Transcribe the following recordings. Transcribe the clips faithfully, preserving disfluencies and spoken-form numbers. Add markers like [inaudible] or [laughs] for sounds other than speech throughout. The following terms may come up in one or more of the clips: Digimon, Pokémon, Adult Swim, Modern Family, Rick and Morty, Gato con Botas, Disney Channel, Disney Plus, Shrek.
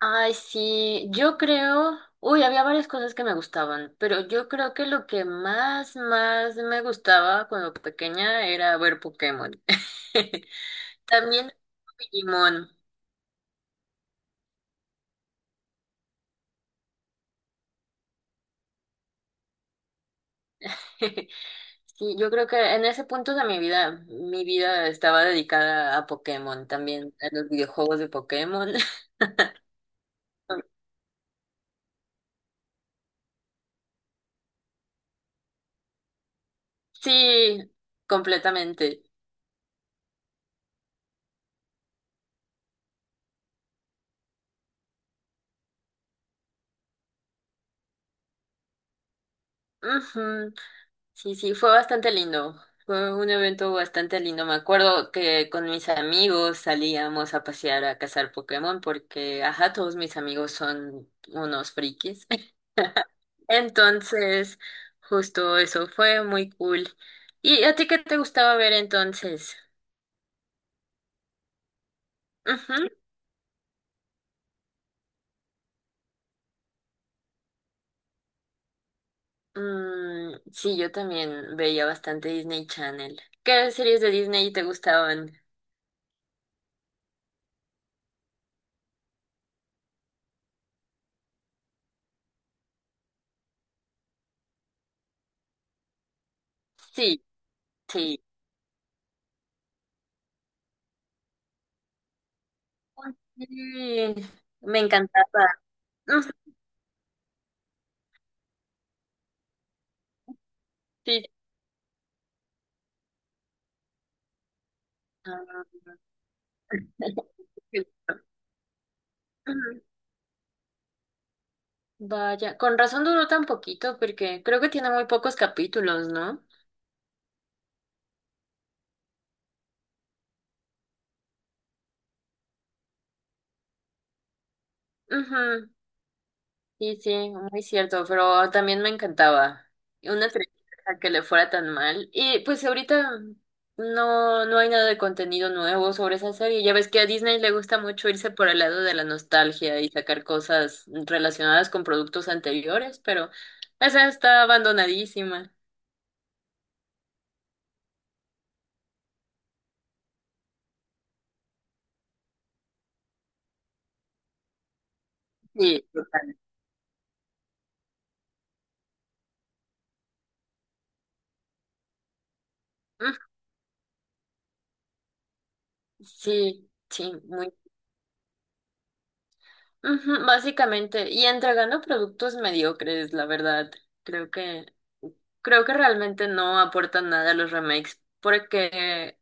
Ay, sí, yo creo, uy, había varias cosas que me gustaban, pero yo creo que lo que más, más me gustaba cuando pequeña era ver Pokémon. [laughs] También Digimon. [laughs] Sí, yo creo que en ese punto de mi vida, mi vida estaba dedicada a Pokémon, también a los videojuegos de Pokémon. [laughs] Sí, completamente. Ujú. Sí, sí, fue bastante lindo. Fue un evento bastante lindo. Me acuerdo que con mis amigos salíamos a pasear a cazar Pokémon porque, ajá, todos mis amigos son unos frikis. [laughs] Entonces, justo eso fue muy cool. ¿Y a ti qué te gustaba ver entonces? Ujú. Mm, sí, yo también veía bastante Disney Channel. ¿Qué series de Disney te gustaban? Sí, sí. Sí, me encantaba. Mm, sí. [laughs] Vaya, con razón duró tan poquito, porque creo que tiene muy pocos capítulos, ¿no? Ujú, sí, sí, muy cierto, pero también me encantaba. Y una tristeza que le fuera tan mal. Y pues ahorita no, no hay nada de contenido nuevo sobre esa serie. Ya ves que a Disney le gusta mucho irse por el lado de la nostalgia y sacar cosas relacionadas con productos anteriores, pero esa está abandonadísima. Sí, total. Ujú, sí, sí, muy. Ujú, básicamente, y entregando productos mediocres, la verdad. Creo que, creo que realmente no aportan nada a los remakes, porque,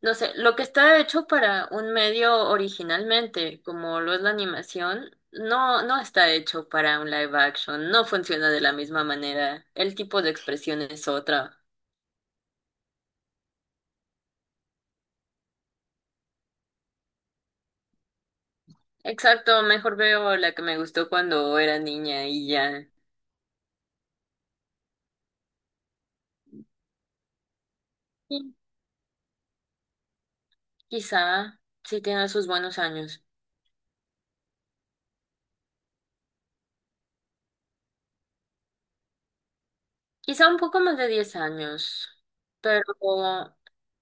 no sé, lo que está hecho para un medio originalmente, como lo es la animación, no, no está hecho para un live action, no funciona de la misma manera, el tipo de expresión es otra. Exacto, mejor veo la que me gustó cuando era niña y ya. Y quizá sí tiene sus buenos años. Quizá un poco más de diez años, pero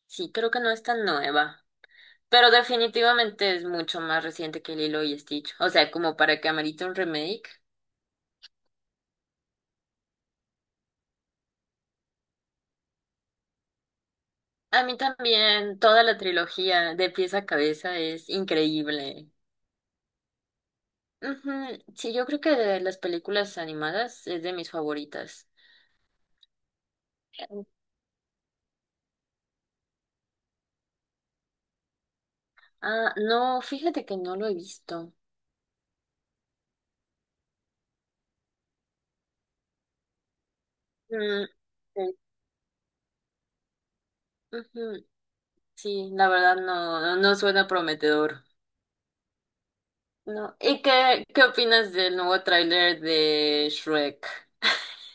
sí, creo que no es tan nueva. Pero definitivamente es mucho más reciente que Lilo y Stitch. O sea, como para que amerite un remake. A mí también toda la trilogía de pies a cabeza es increíble. Ujú, sí, yo creo que de las películas animadas es de mis favoritas. Ah, no, fíjate que no lo he visto. Mm, sí, ujú, sí, la verdad no, no no suena prometedor. No. ¿Y qué, qué opinas del nuevo tráiler de Shrek? [laughs]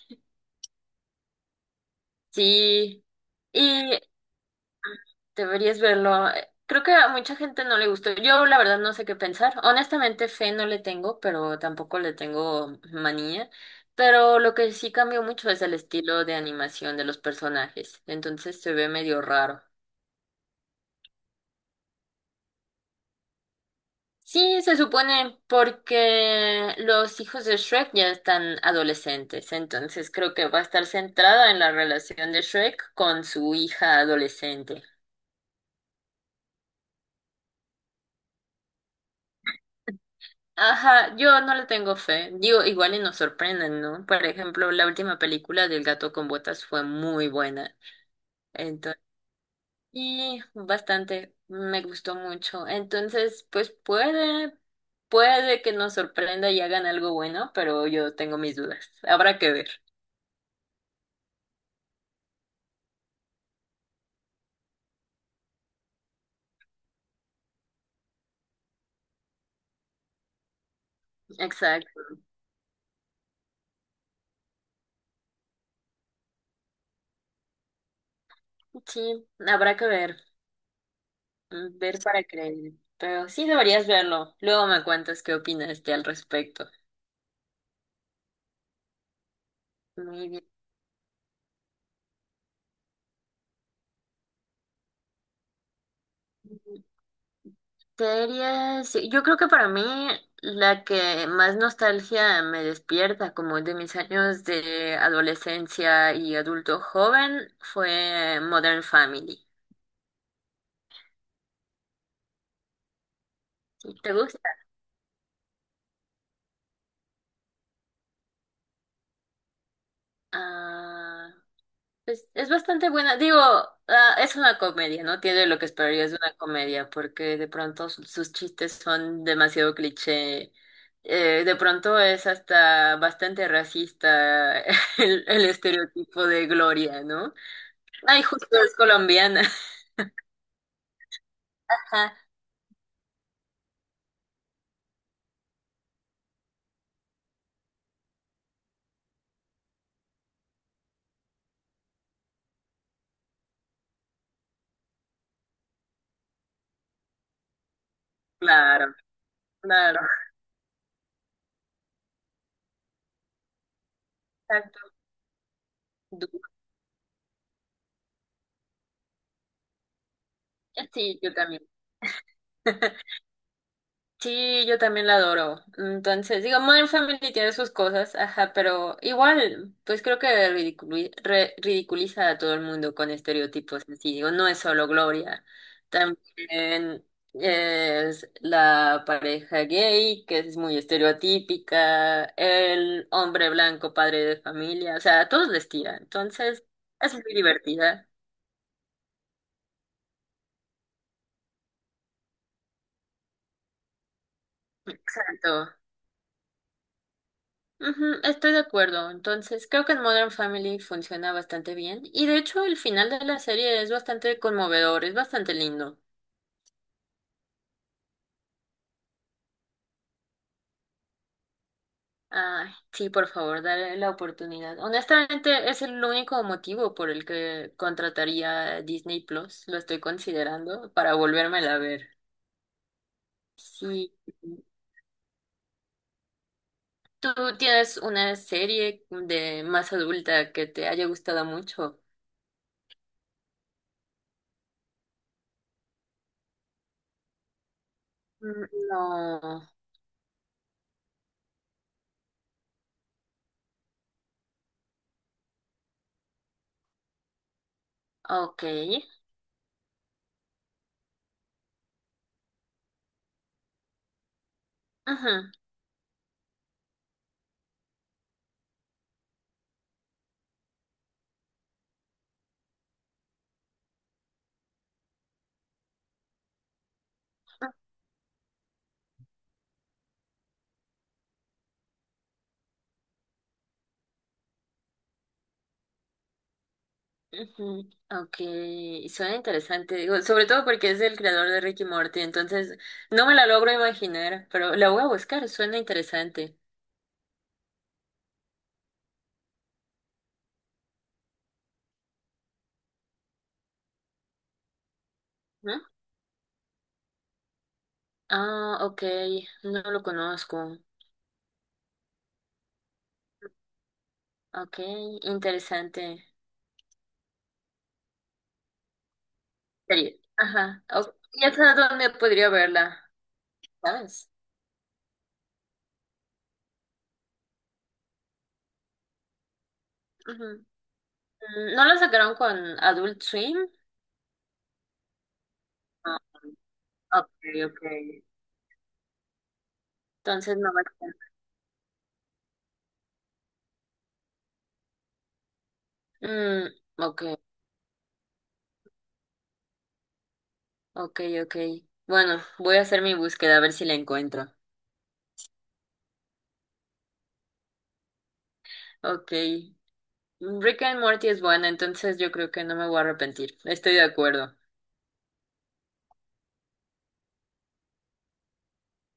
Sí. Y deberías verlo. Creo que a mucha gente no le gustó. Yo la verdad no sé qué pensar. Honestamente, fe no le tengo, pero tampoco le tengo manía. Pero lo que sí cambió mucho es el estilo de animación de los personajes. Entonces se ve medio raro. Sí, se supone porque los hijos de Shrek ya están adolescentes, entonces creo que va a estar centrada en la relación de Shrek con su hija adolescente. Ajá, yo no le tengo fe. Digo, igual y nos sorprenden, ¿no? Por ejemplo, la última película del Gato con Botas fue muy buena. Entonces, y bastante, me gustó mucho. Entonces, pues puede, puede que nos sorprenda y hagan algo bueno, pero yo tengo mis dudas. Habrá que ver. Exacto. Sí, habrá que ver, mm, ver para creer, pero sí deberías verlo. Luego me cuentas qué opinas de al respecto. Muy bien. Series, sí, yo creo que para mí la que más nostalgia me despierta, como de mis años de adolescencia y adulto joven, fue Modern Family. ¿Sí? ¿Te gusta? Ah, Es, es bastante buena. Digo, ah, es una comedia, ¿no? Tiene lo que esperarías de una comedia, porque de pronto su- sus chistes son demasiado cliché. Eh, de pronto es hasta bastante racista [laughs] el, el estereotipo de Gloria, ¿no? Ay, justo es colombiana. [laughs] Ajá, claro, claro. Exacto. Du- Sí, yo también. [laughs] Sí, yo también la adoro. Entonces, digo, Modern Family tiene sus cosas, ajá, pero igual, pues creo que ridiculi- re- ridiculiza a todo el mundo con estereotipos así. Digo, no es solo Gloria, también es la pareja gay, que es muy estereotípica, el hombre blanco, padre de familia, o sea, a todos les tira. Entonces, es muy divertida. Exacto. Ujú, estoy de acuerdo. Entonces, creo que en Modern Family funciona bastante bien. Y de hecho, el final de la serie es bastante conmovedor, es bastante lindo. Ay, sí, por favor, dale la oportunidad. Honestamente, es el único motivo por el que contrataría a Disney Plus. Lo estoy considerando para volvérmela a ver. Sí. ¿Tú tienes una serie de más adulta que te haya gustado mucho? Mm, no. Ok. Ujú. Ujú, ok, suena interesante, digo, sobre todo porque es el creador de Ricky Morty, entonces no me la logro imaginar, pero la voy a buscar, suena interesante. ¿No? Ah, ok, no lo conozco. Ok, interesante. Serie. Ajá, ok, ya sabes dónde podría verla, ¿sabes? Ujú. Mm, ¿No la sacaron con Adult Swim? Ah, ok, ok. Entonces no va a estar. Mm, ok. Ok, ok. Bueno, voy a hacer mi búsqueda a ver si la encuentro. Ok. Rick and Morty es buena, entonces yo creo que no me voy a arrepentir. Estoy de acuerdo.